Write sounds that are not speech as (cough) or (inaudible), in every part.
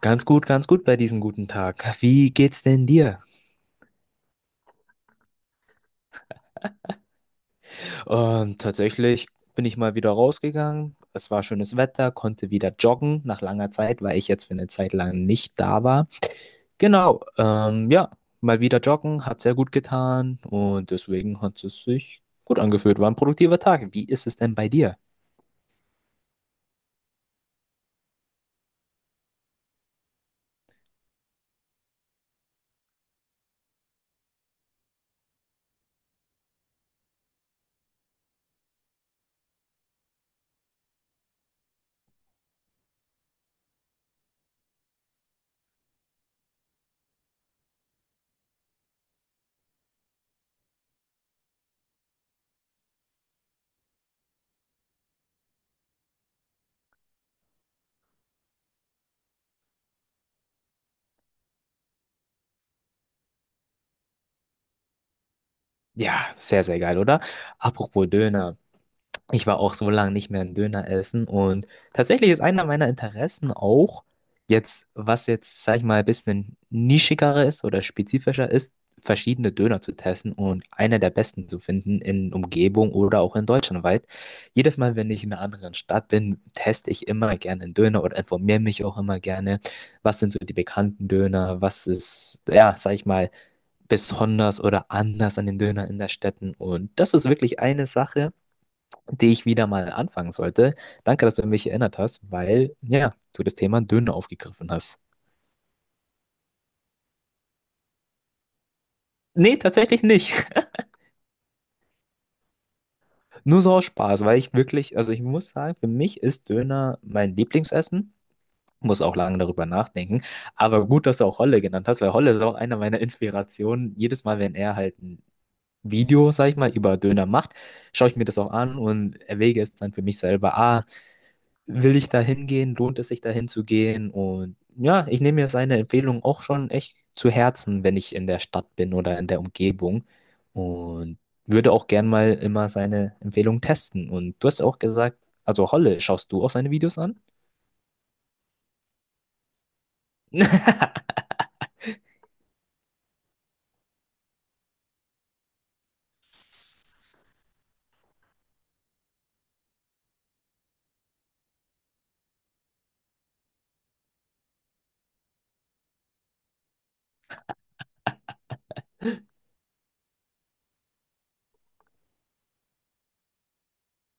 Ganz gut bei diesem guten Tag. Wie geht's denn dir? Tatsächlich bin ich mal wieder rausgegangen. Es war schönes Wetter, konnte wieder joggen nach langer Zeit, weil ich jetzt für eine Zeit lang nicht da war. Genau, ja, mal wieder joggen, hat sehr gut getan und deswegen hat es sich gut angefühlt. War ein produktiver Tag. Wie ist es denn bei dir? Ja, sehr, sehr geil, oder? Apropos Döner. Ich war auch so lange nicht mehr einen Döner essen und tatsächlich ist einer meiner Interessen auch jetzt, was jetzt, sag ich mal, ein bisschen nischiger ist oder spezifischer ist, verschiedene Döner zu testen und einer der besten zu finden in Umgebung oder auch in Deutschland weit. Jedes Mal, wenn ich in einer anderen Stadt bin, teste ich immer gerne einen Döner oder informiere mich auch immer gerne, was sind so die bekannten Döner, was ist, ja, sag ich mal, besonders oder anders an den Döner in der Städten und das ist wirklich eine Sache die ich wieder mal anfangen sollte. Danke, dass du mich erinnert hast, weil, ja, du das Thema Döner aufgegriffen hast. Nee, tatsächlich nicht. (laughs) Nur so aus Spaß, weil ich wirklich, also ich muss sagen, für mich ist Döner mein Lieblingsessen. Muss auch lange darüber nachdenken. Aber gut, dass du auch Holle genannt hast, weil Holle ist auch einer meiner Inspirationen. Jedes Mal, wenn er halt ein Video, sag ich mal, über Döner macht, schaue ich mir das auch an und erwäge es dann für mich selber. Ah, will ich da hingehen, lohnt es sich dahin zu gehen? Und ja, ich nehme mir seine Empfehlung auch schon echt zu Herzen, wenn ich in der Stadt bin oder in der Umgebung. Und würde auch gern mal immer seine Empfehlung testen. Und du hast auch gesagt, also Holle, schaust du auch seine Videos an? (laughs)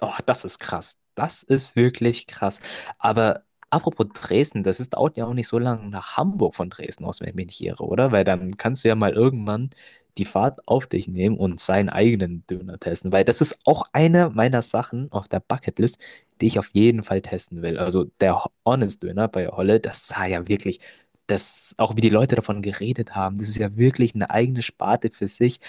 Oh, das ist krass. Das ist wirklich krass. Aber apropos Dresden, das ist, dauert ja auch nicht so lange nach Hamburg von Dresden aus, wenn ich mich nicht irre, oder? Weil dann kannst du ja mal irgendwann die Fahrt auf dich nehmen und seinen eigenen Döner testen. Weil das ist auch eine meiner Sachen auf der Bucketlist, die ich auf jeden Fall testen will. Also der Honest Döner bei Holle, das sah ja wirklich, das, auch wie die Leute davon geredet haben, das ist ja wirklich eine eigene Sparte für sich,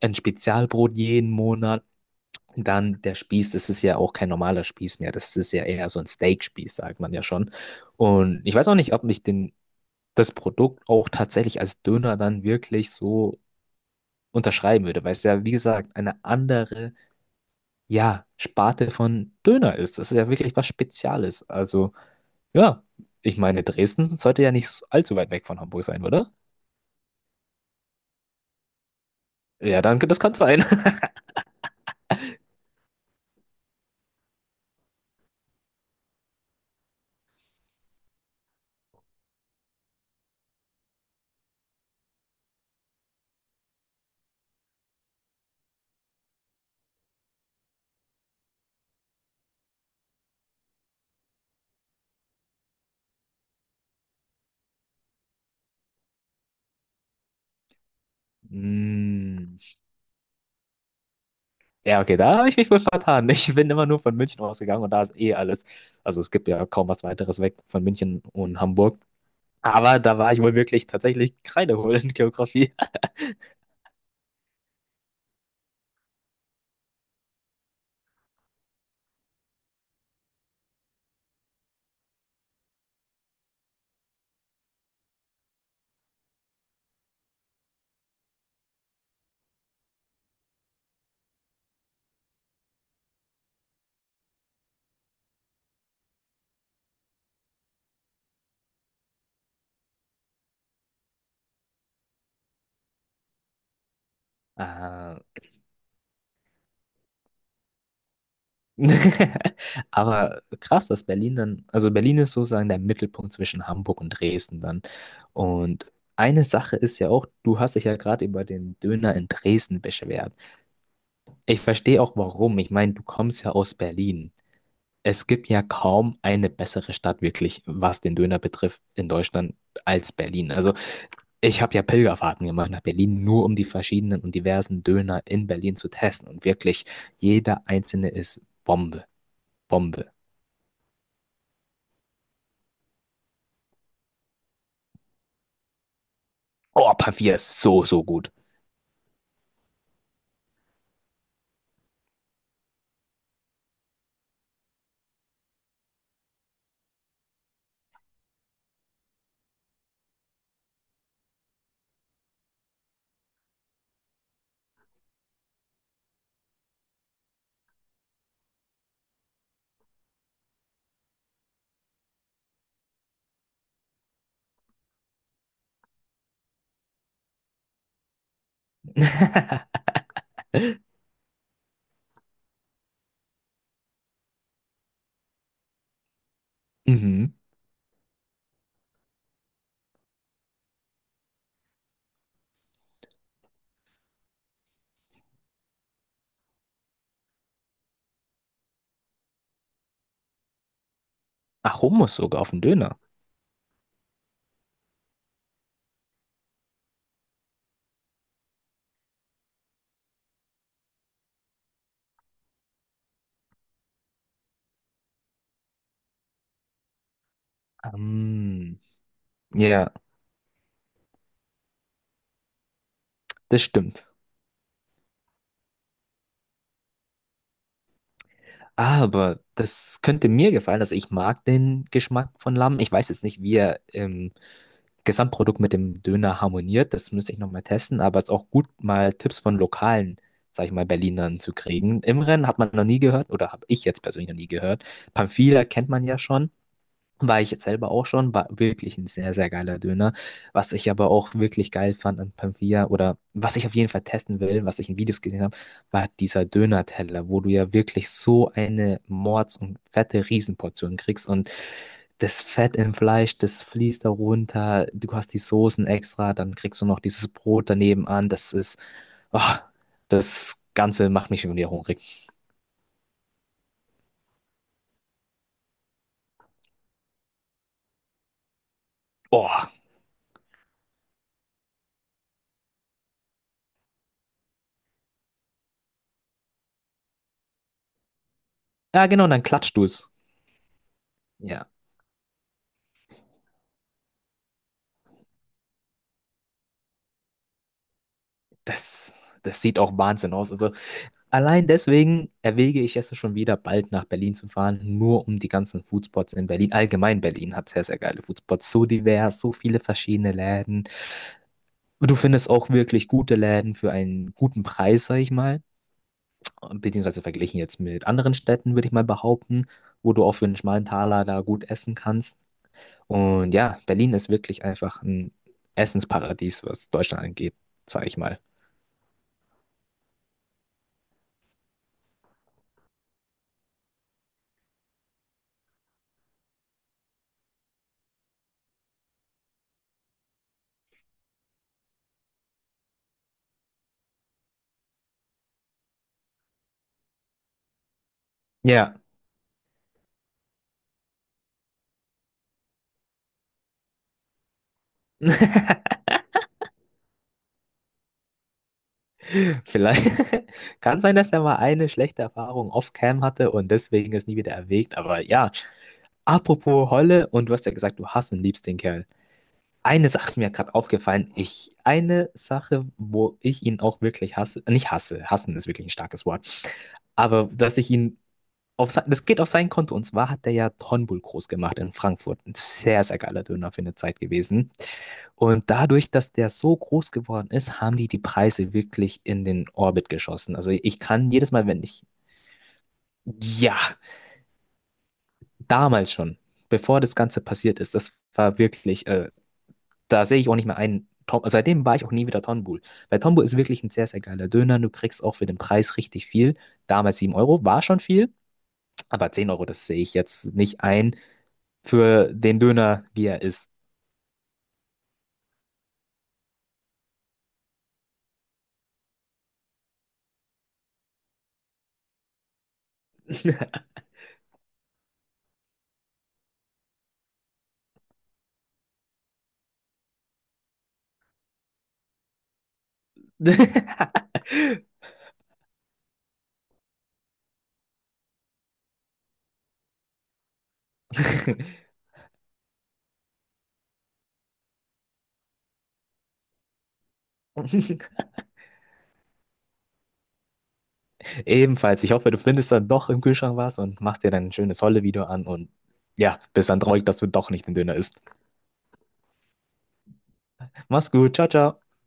ein Spezialbrot jeden Monat, dann der Spieß, das ist ja auch kein normaler Spieß mehr. Das ist ja eher so ein Steakspieß, sagt man ja schon. Und ich weiß auch nicht, ob ich den, das Produkt auch tatsächlich als Döner dann wirklich so unterschreiben würde, weil es ja, wie gesagt, eine andere, ja, Sparte von Döner ist. Das ist ja wirklich was Spezielles. Also, ja, ich meine, Dresden sollte ja nicht allzu weit weg von Hamburg sein, oder? Ja, danke, das kann sein. (laughs) Mm. Ja, okay, da habe ich mich wohl vertan. Ich bin immer nur von München ausgegangen und da ist eh alles. Also es gibt ja kaum was weiteres weg von München und Hamburg. Aber da war ich wohl wirklich tatsächlich Kreide in Geografie. Äh, (laughs) Aber krass, dass Berlin dann, also Berlin ist sozusagen der Mittelpunkt zwischen Hamburg und Dresden dann. Und eine Sache ist ja auch, du hast dich ja gerade über den Döner in Dresden beschwert. Ich verstehe auch warum. Ich meine, du kommst ja aus Berlin. Es gibt ja kaum eine bessere Stadt wirklich, was den Döner betrifft, in Deutschland als Berlin. Also ich habe ja Pilgerfahrten gemacht nach Berlin, nur um die verschiedenen und diversen Döner in Berlin zu testen. Und wirklich, jeder einzelne ist Bombe, Bombe. Oh, Paviers, so, so gut. (laughs) Mhm. Ach, Hummus sogar auf dem Döner. Ähm, ja, das stimmt. Aber das könnte mir gefallen. Also ich mag den Geschmack von Lamm. Ich weiß jetzt nicht, wie er im Gesamtprodukt mit dem Döner harmoniert. Das müsste ich nochmal testen. Aber es ist auch gut, mal Tipps von lokalen, sag ich mal, Berlinern zu kriegen. Imren hat man noch nie gehört oder habe ich jetzt persönlich noch nie gehört. Pamphila kennt man ja schon. War ich jetzt selber auch schon, war wirklich ein sehr, sehr geiler Döner. Was ich aber auch wirklich geil fand an Pampia oder was ich auf jeden Fall testen will, was ich in Videos gesehen habe, war dieser Döner-Teller, wo du ja wirklich so eine Mords- und fette Riesenportion kriegst und das Fett im Fleisch, das fließt da runter, du hast die Soßen extra, dann kriegst du noch dieses Brot daneben an, das ist, oh, das Ganze macht mich schon wieder hungrig. Oh, ja genau, und dann klatscht du es. Ja, das, das sieht auch Wahnsinn aus. Also allein deswegen erwäge ich es schon wieder, bald nach Berlin zu fahren, nur um die ganzen Foodspots in Berlin. Allgemein Berlin hat sehr, sehr geile Foodspots, so divers, so viele verschiedene Läden. Du findest auch wirklich gute Läden für einen guten Preis, sag ich mal. Beziehungsweise verglichen jetzt mit anderen Städten, würde ich mal behaupten, wo du auch für einen schmalen Taler da gut essen kannst. Und ja, Berlin ist wirklich einfach ein Essensparadies, was Deutschland angeht, sag ich mal. Ja. (laughs) Vielleicht (laughs) kann sein, dass er mal eine schlechte Erfahrung off-cam hatte und deswegen es nie wieder erwägt. Aber ja, apropos Holle, und du hast ja gesagt, du hast und liebst den Kerl. Eine Sache ist mir gerade aufgefallen. Ich, eine Sache, wo ich ihn auch wirklich hasse, nicht hasse, hassen ist wirklich ein starkes Wort, aber dass ich ihn auf sein, das geht auf sein Konto. Und zwar hat er ja Tonbul groß gemacht in Frankfurt. Ein sehr, sehr geiler Döner für eine Zeit gewesen. Und dadurch, dass der so groß geworden ist, haben die die Preise wirklich in den Orbit geschossen. Also ich kann jedes Mal, wenn ich, ja, damals schon, bevor das Ganze passiert ist, das war wirklich, da sehe ich auch nicht mehr ein. Tom, also seitdem war ich auch nie wieder Tonbul. Weil Tonbul ist wirklich ein sehr, sehr geiler Döner. Du kriegst auch für den Preis richtig viel. Damals 7 Euro war schon viel, aber 10 Euro, das sehe ich jetzt nicht ein für den Döner, wie er ist. (laughs) Ebenfalls, ich hoffe, du findest dann doch im Kühlschrank was und machst dir dann ein schönes Holle-Video an und ja, bist dann traurig, dass du doch nicht den Döner isst. Mach's gut, ciao, ciao.